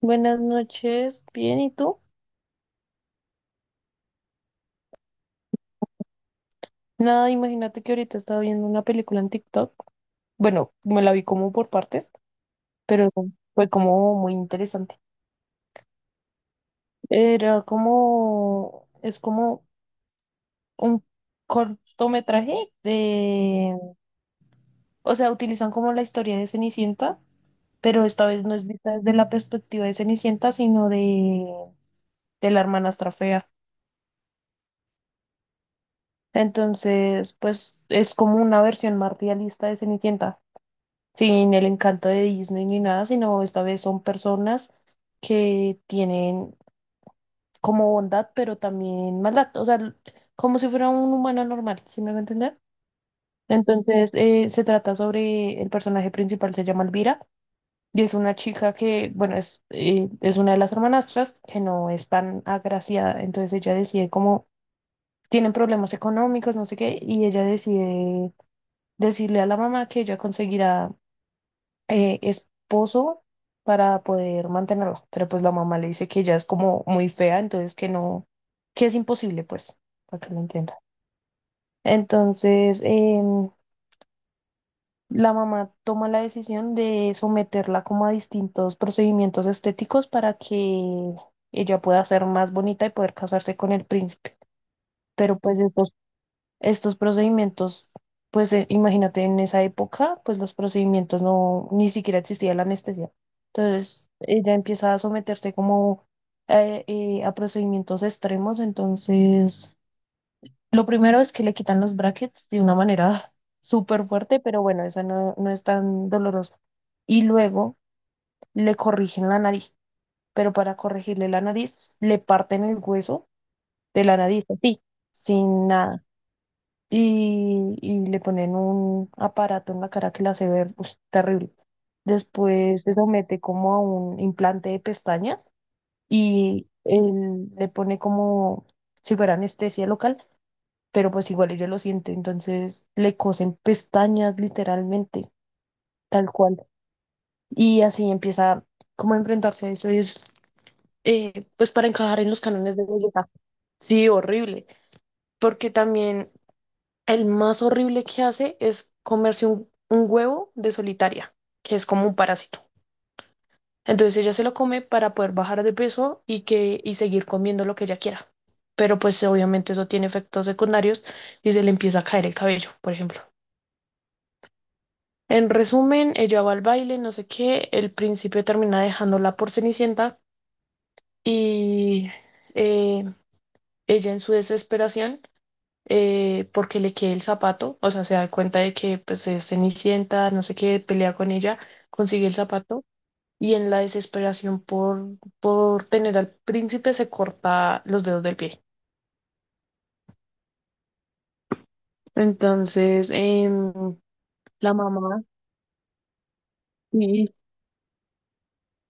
Buenas noches, bien, ¿y tú? Nada, imagínate que ahorita estaba viendo una película en TikTok. Bueno, me la vi como por partes, pero fue como muy interesante. Era como, es como un cortometraje de, o sea, utilizan como la historia de Cenicienta, pero esta vez no es vista desde la perspectiva de Cenicienta, sino de la hermanastra fea. Entonces, pues es como una versión más realista de Cenicienta, sin el encanto de Disney ni nada, sino esta vez son personas que tienen como bondad, pero también maldad, o sea, como si fuera un humano normal, ¿sí me va a entender? Entonces, se trata sobre el personaje principal, se llama Elvira, y es una chica que, bueno, es una de las hermanastras que no es tan agraciada, entonces ella decide como, tienen problemas económicos, no sé qué, y ella decide decirle a la mamá que ella conseguirá esposo para poder mantenerla, pero pues la mamá le dice que ella es como muy fea, entonces que no, que es imposible, pues, para que lo entienda. Entonces, la mamá toma la decisión de someterla como a distintos procedimientos estéticos para que ella pueda ser más bonita y poder casarse con el príncipe. Pero pues estos procedimientos, pues imagínate en esa época, pues los procedimientos no, ni siquiera existía la anestesia. Entonces ella empieza a someterse como a procedimientos extremos. Entonces, lo primero es que le quitan los brackets de una manera súper fuerte, pero bueno, esa no, no es tan dolorosa. Y luego le corrigen la nariz, pero para corregirle la nariz, le parten el hueso de la nariz, así, sin nada, y le ponen un aparato en la cara que la hace ver ush, terrible. Después se somete como a un implante de pestañas y él le pone como si fuera anestesia local, pero pues igual ella lo siente, entonces le cosen pestañas literalmente, tal cual. Y así empieza como a enfrentarse a eso y es, pues para encajar en los cánones de belleza. Sí, horrible, porque también el más horrible que hace es comerse un huevo de solitaria, que es como un parásito. Entonces ella se lo come para poder bajar de peso y que y seguir comiendo lo que ella quiera. Pero pues obviamente eso tiene efectos secundarios y se le empieza a caer el cabello, por ejemplo. En resumen, ella va al baile, no sé qué, el príncipe termina dejándola por Cenicienta y eh, ella en su desesperación, porque le quede el zapato, o sea, se da cuenta de que pues es Cenicienta, no sé qué, pelea con ella, consigue el zapato y en la desesperación por, tener al príncipe se corta los dedos del pie. Entonces, la mamá sí.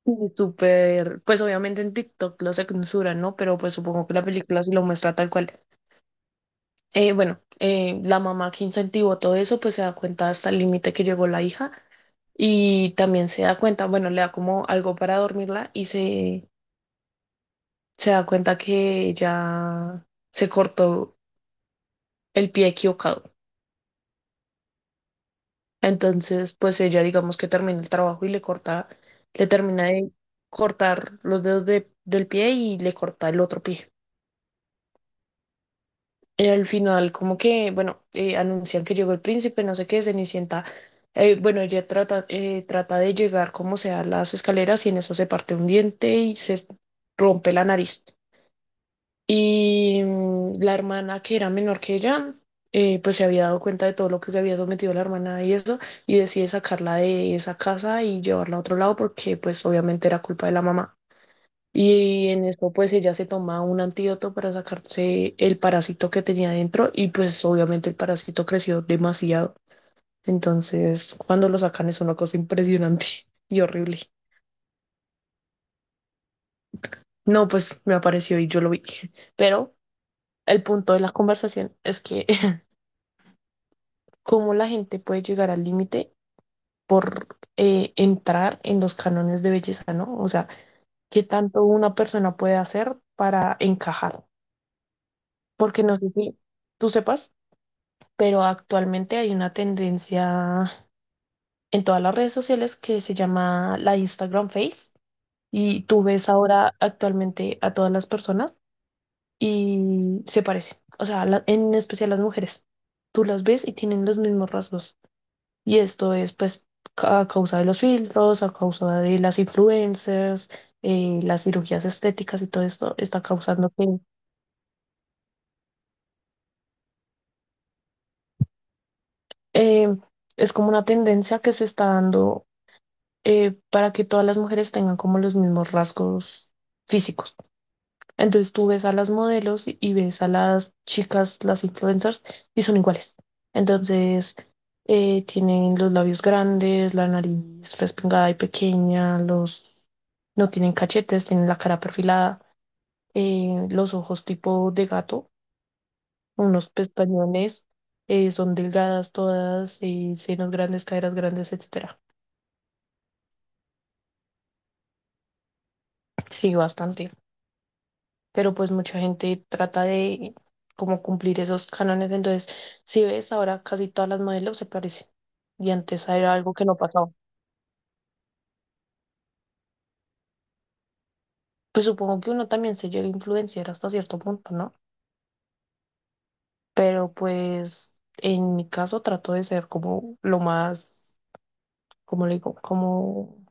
Y súper, pues obviamente en TikTok lo censuran, ¿no? Pero pues supongo que la película sí lo muestra tal cual. Bueno, la mamá, que incentivó todo eso, pues se da cuenta hasta el límite que llegó la hija y también se da cuenta, bueno, le da como algo para dormirla y se da cuenta que ella se cortó el pie equivocado. Entonces, pues ella digamos que termina el trabajo y le termina de cortar los dedos del pie y le corta el otro pie. Y al final, como que, bueno, anuncian que llegó el príncipe, no sé qué, Cenicienta. Bueno, ella trata, trata de llegar como sea a las escaleras y en eso se parte un diente y se rompe la nariz. Y la hermana, que era menor que ella, pues se había dado cuenta de todo lo que se había sometido la hermana y eso, y decide sacarla de esa casa y llevarla a otro lado porque, pues, obviamente era culpa de la mamá. Y en eso pues ella se toma un antídoto para sacarse el parásito que tenía dentro y pues obviamente el parásito creció demasiado. Entonces cuando lo sacan es una cosa impresionante y horrible. No, pues me apareció y yo lo vi. Pero el punto de la conversación es que cómo la gente puede llegar al límite por, entrar en los cánones de belleza, ¿no? O sea, qué tanto una persona puede hacer para encajar. Porque no sé si tú sepas, pero actualmente hay una tendencia en todas las redes sociales que se llama la Instagram Face, y tú ves ahora actualmente a todas las personas y se parecen, o sea, en especial las mujeres. Tú las ves y tienen los mismos rasgos. Y esto es pues, a causa de los filtros, a causa de las influencers, las cirugías estéticas, y todo esto está causando que, eh, es como una tendencia que se está dando, para que todas las mujeres tengan como los mismos rasgos físicos. Entonces tú ves a las modelos y ves a las chicas, las influencers, y son iguales. Entonces, tienen los labios grandes, la nariz respingada y pequeña, los no tienen cachetes, tienen la cara perfilada, los ojos tipo de gato, unos pestañones, son delgadas todas, y senos grandes, caderas grandes, etcétera. Sí, bastante, pero pues mucha gente trata de como cumplir esos cánones. Entonces, si ves, ahora casi todas las modelos se parecen y antes era algo que no pasaba. Pues supongo que uno también se llega a influenciar hasta cierto punto, ¿no? Pero pues en mi caso trato de ser como lo más, como le digo, como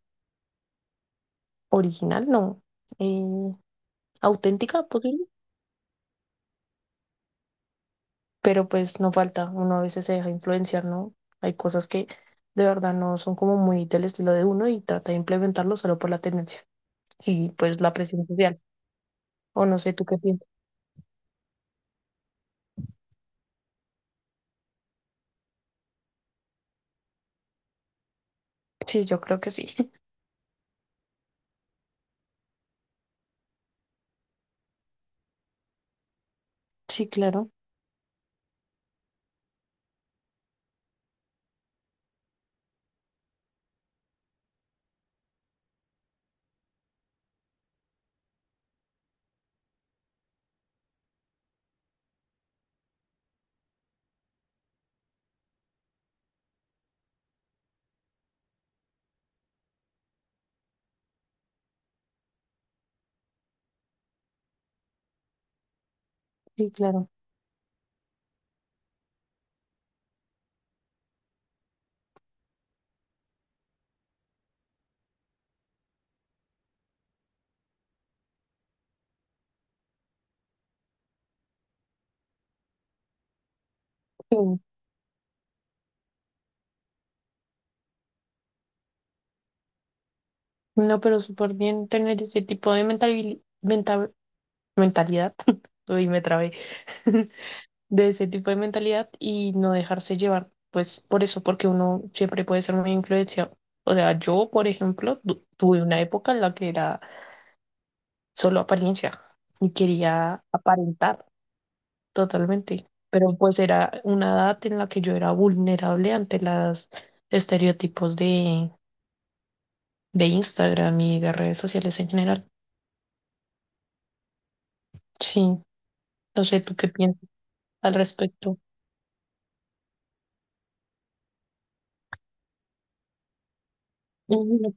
original, ¿no? Eh, Auténtica, pues sí. Pero pues no falta, uno a veces se deja influenciar, ¿no? Hay cosas que de verdad no son como muy del estilo de uno y trata de implementarlo solo por la tendencia y pues la presión social. O no sé, ¿tú qué piensas? Sí, yo creo que sí. Sí, claro, sí, claro. Sí. No, pero súper bien tener ese tipo de mentalidad. Uy, me trabé. De ese tipo de mentalidad y no dejarse llevar, pues por eso, porque uno siempre puede ser muy influenciado. O sea, yo, por ejemplo, tuve una época en la que era solo apariencia y quería aparentar totalmente, pero pues era una edad en la que yo era vulnerable ante los estereotipos de, Instagram y de redes sociales en general. Sí, no sé, ¿tú qué piensas al respecto? Ujú,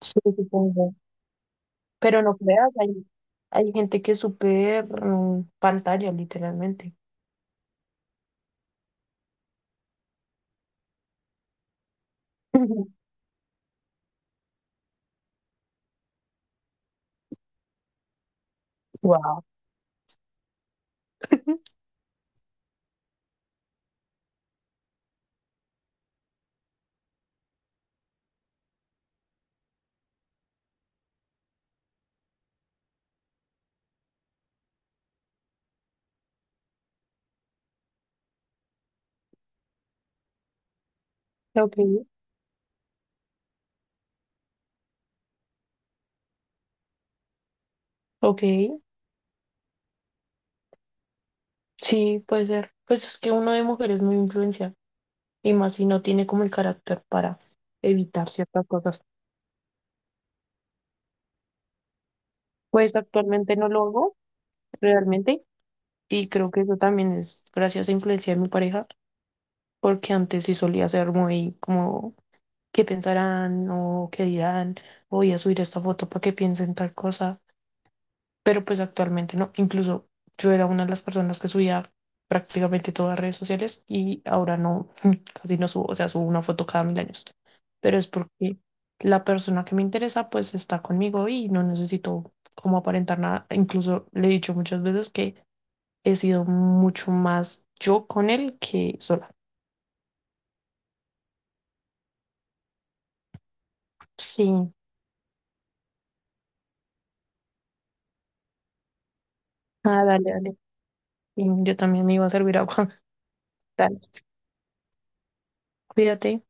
sí, supongo. Pero no creas, hay gente que es súper, pantalla, literalmente. Wow. Ok, ok, sí, puede ser. Pues es que uno de mujeres muy influencia, y más si no tiene como el carácter para evitar ciertas cosas. Pues actualmente no lo hago realmente, y creo que eso también es gracias a influencia de mi pareja, porque antes sí solía ser muy como qué pensarán o qué dirán, voy a subir esta foto para que piensen tal cosa, pero pues actualmente no. Incluso yo era una de las personas que subía prácticamente todas las redes sociales y ahora no, casi no subo, o sea, subo una foto cada mil años. Pero es porque la persona que me interesa pues está conmigo y no necesito como aparentar nada. Incluso le he dicho muchas veces que he sido mucho más yo con él que sola. Sí. Ah, dale, dale. Yo también me iba a servir agua. Dale, cuídate.